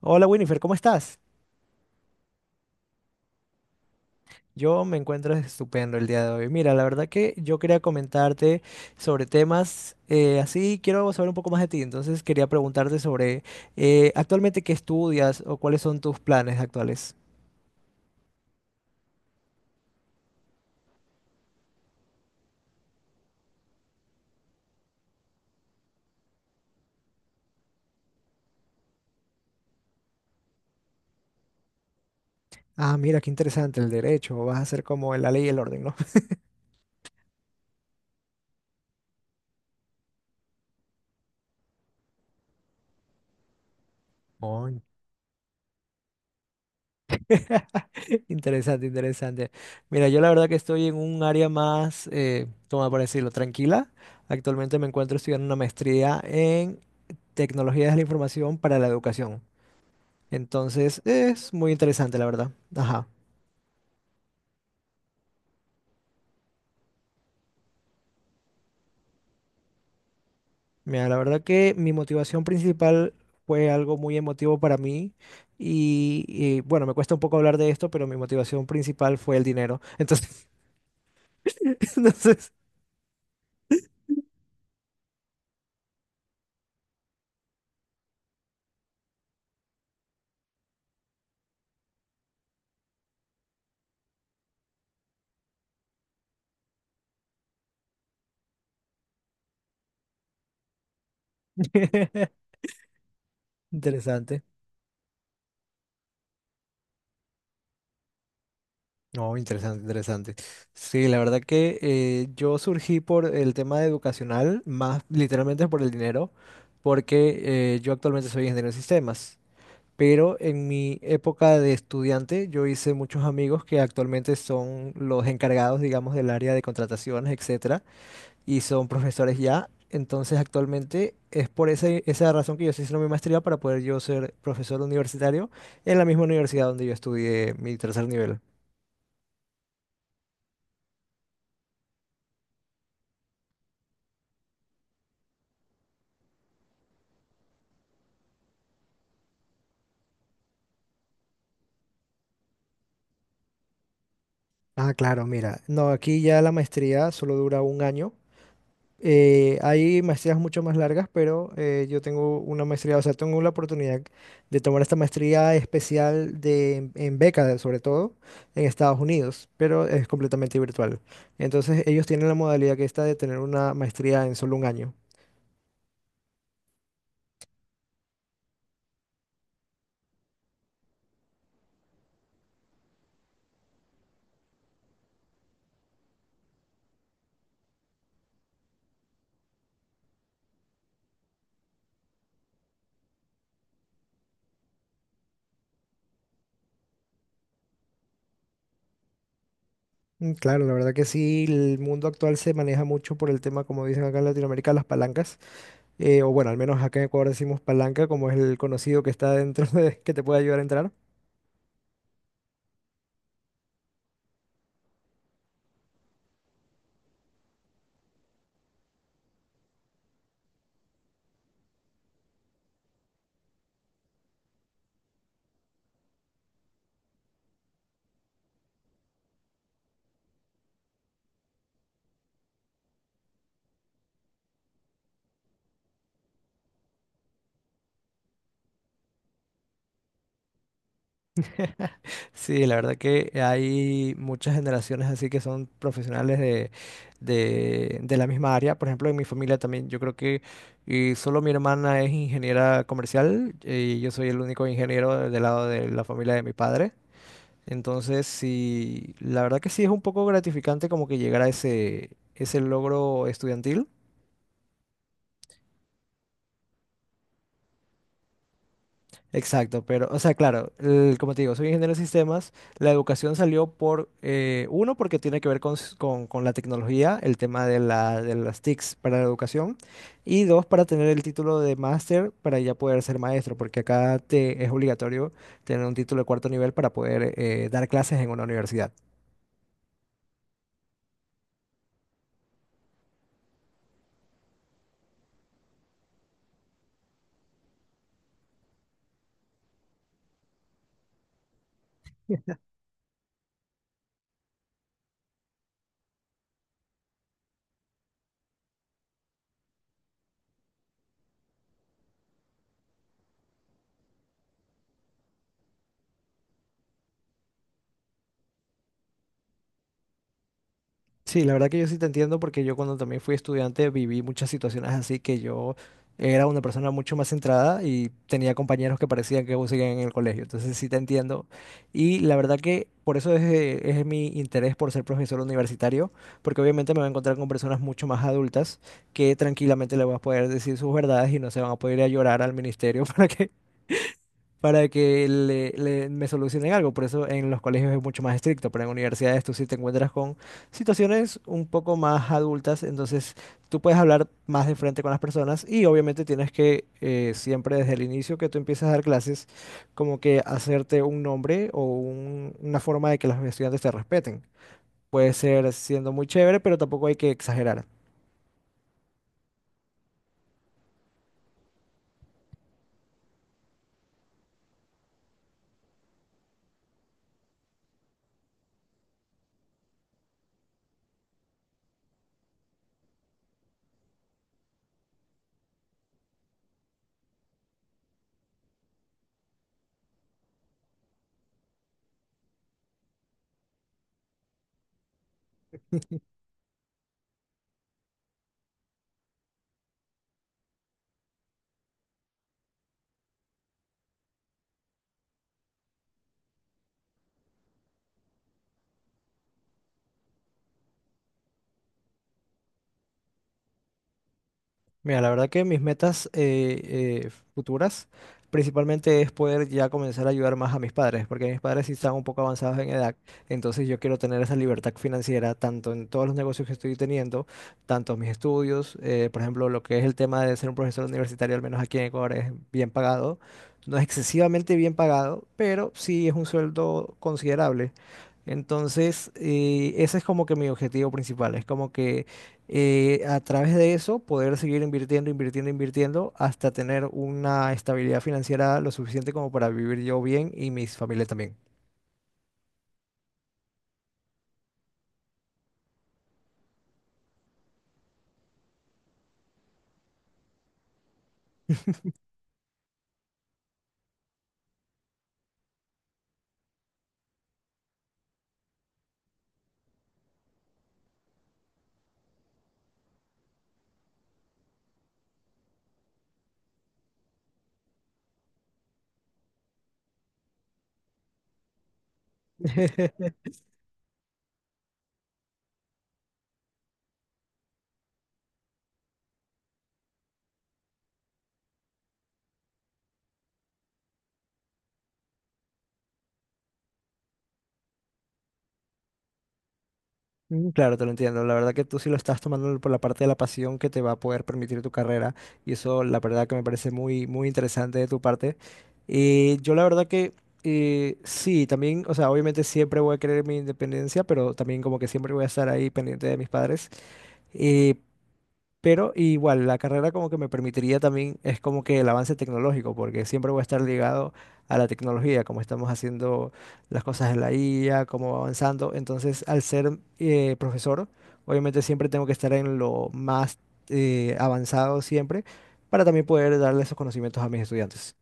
Hola Winifred, ¿cómo estás? Yo me encuentro estupendo el día de hoy. Mira, la verdad que yo quería comentarte sobre temas así, quiero saber un poco más de ti, entonces quería preguntarte sobre actualmente qué estudias o cuáles son tus planes actuales. Ah, mira, qué interesante el derecho, vas a ser como en la ley y el orden, ¿no? Oh, interesante, interesante. Mira, yo la verdad que estoy en un área más, ¿cómo para decirlo? Tranquila. Actualmente me encuentro estudiando una maestría en tecnologías de la información para la educación. Entonces, es muy interesante, la verdad. Ajá. Mira, la verdad que mi motivación principal fue algo muy emotivo para mí y bueno, me cuesta un poco hablar de esto, pero mi motivación principal fue el dinero. Entonces, entonces, interesante. No, interesante, interesante. Sí, la verdad que yo surgí por el tema educacional, más literalmente por el dinero, porque yo actualmente soy ingeniero de sistemas. Pero en mi época de estudiante yo hice muchos amigos que actualmente son los encargados, digamos, del área de contrataciones, etcétera, y son profesores ya. Entonces actualmente es por esa razón que yo estoy haciendo mi maestría para poder yo ser profesor universitario en la misma universidad donde yo estudié mi tercer nivel. Ah, claro, mira. No, aquí ya la maestría solo dura un año. Hay maestrías mucho más largas, pero yo tengo una maestría, o sea, tengo la oportunidad de tomar esta maestría especial en beca, sobre todo en Estados Unidos, pero es completamente virtual. Entonces, ellos tienen la modalidad que está de tener una maestría en solo un año. Mm, claro, la verdad que sí, el mundo actual se maneja mucho por el tema, como dicen acá en Latinoamérica, las palancas, o bueno, al menos acá en Ecuador decimos palanca, como es el conocido que está dentro de, que te puede ayudar a entrar. Sí, la verdad que hay muchas generaciones así que son profesionales de la misma área. Por ejemplo, en mi familia también, yo creo que solo mi hermana es ingeniera comercial y yo soy el único ingeniero del lado de la familia de mi padre. Entonces, sí, la verdad que sí es un poco gratificante como que llegar a ese logro estudiantil. Exacto, pero, o sea, claro, como te digo, soy ingeniero de sistemas. La educación salió por, uno, porque tiene que ver con, con la tecnología, el tema de de las TICs para la educación, y dos, para tener el título de máster para ya poder ser maestro, porque acá te, es obligatorio tener un título de cuarto nivel para poder dar clases en una universidad. Sí, la verdad que yo sí te entiendo porque yo cuando también fui estudiante viví muchas situaciones así que yo era una persona mucho más centrada y tenía compañeros que parecían que aún seguían en el colegio. Entonces sí te entiendo. Y la verdad que por eso es mi interés por ser profesor universitario, porque obviamente me voy a encontrar con personas mucho más adultas que tranquilamente le voy a poder decir sus verdades y no se van a poder ir a llorar al ministerio para que me solucionen algo. Por eso en los colegios es mucho más estricto, pero en universidades tú sí te encuentras con situaciones un poco más adultas, entonces tú puedes hablar más de frente con las personas y obviamente tienes que siempre desde el inicio que tú empiezas a dar clases, como que hacerte un nombre o una forma de que los estudiantes te respeten. Puede ser siendo muy chévere, pero tampoco hay que exagerar. Mira, la verdad que mis metas futuras principalmente es poder ya comenzar a ayudar más a mis padres, porque mis padres sí están un poco avanzados en edad, entonces yo quiero tener esa libertad financiera tanto en todos los negocios que estoy teniendo, tanto mis estudios, por ejemplo, lo que es el tema de ser un profesor universitario, al menos aquí en Ecuador, es bien pagado, no es excesivamente bien pagado, pero sí es un sueldo considerable. Entonces, ese es como que mi objetivo principal, es como que a través de eso poder seguir invirtiendo, invirtiendo, invirtiendo hasta tener una estabilidad financiera lo suficiente como para vivir yo bien y mis familias también. Mm, claro, te lo entiendo. La verdad que tú sí lo estás tomando por la parte de la pasión que te va a poder permitir tu carrera y eso la verdad que me parece muy, muy interesante de tu parte. Yo la verdad que sí, también, o sea, obviamente siempre voy a querer mi independencia, pero también como que siempre voy a estar ahí pendiente de mis padres. Eh, Pero igual, la carrera como que me permitiría también, es como que el avance tecnológico, porque siempre voy a estar ligado a la tecnología, como estamos haciendo las cosas en la IA, cómo va avanzando. Entonces, al ser profesor, obviamente siempre tengo que estar en lo más avanzado siempre, para también poder darle esos conocimientos a mis estudiantes.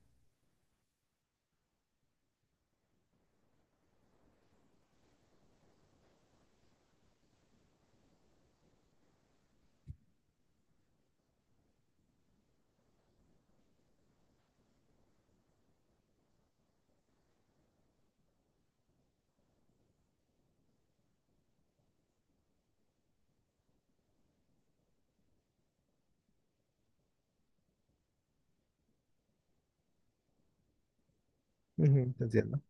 Ujú, te entiendo.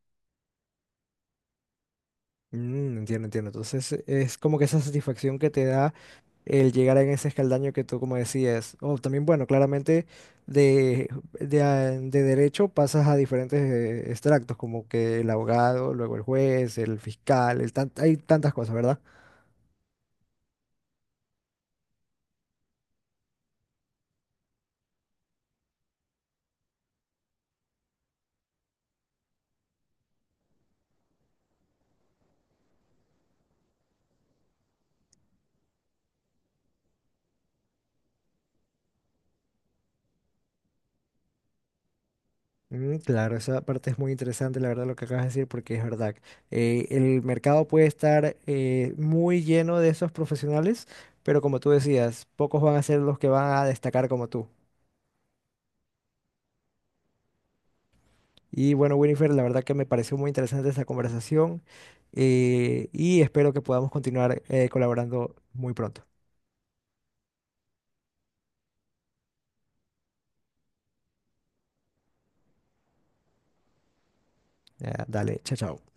Mm, entiendo, entiendo. Entonces, es como que esa satisfacción que te da el llegar en ese escaldaño que tú como decías. O también, bueno, claramente de, de derecho pasas a diferentes extractos, como que el abogado, luego el juez, el fiscal, hay tantas cosas, ¿verdad? Mm, claro, esa parte es muy interesante, la verdad, lo que acabas de decir, porque es verdad. El mercado puede estar muy lleno de esos profesionales, pero como tú decías, pocos van a ser los que van a destacar como tú. Y bueno, Winifred, la verdad que me pareció muy interesante esta conversación y espero que podamos continuar colaborando muy pronto. Ya, dale, chao, chao.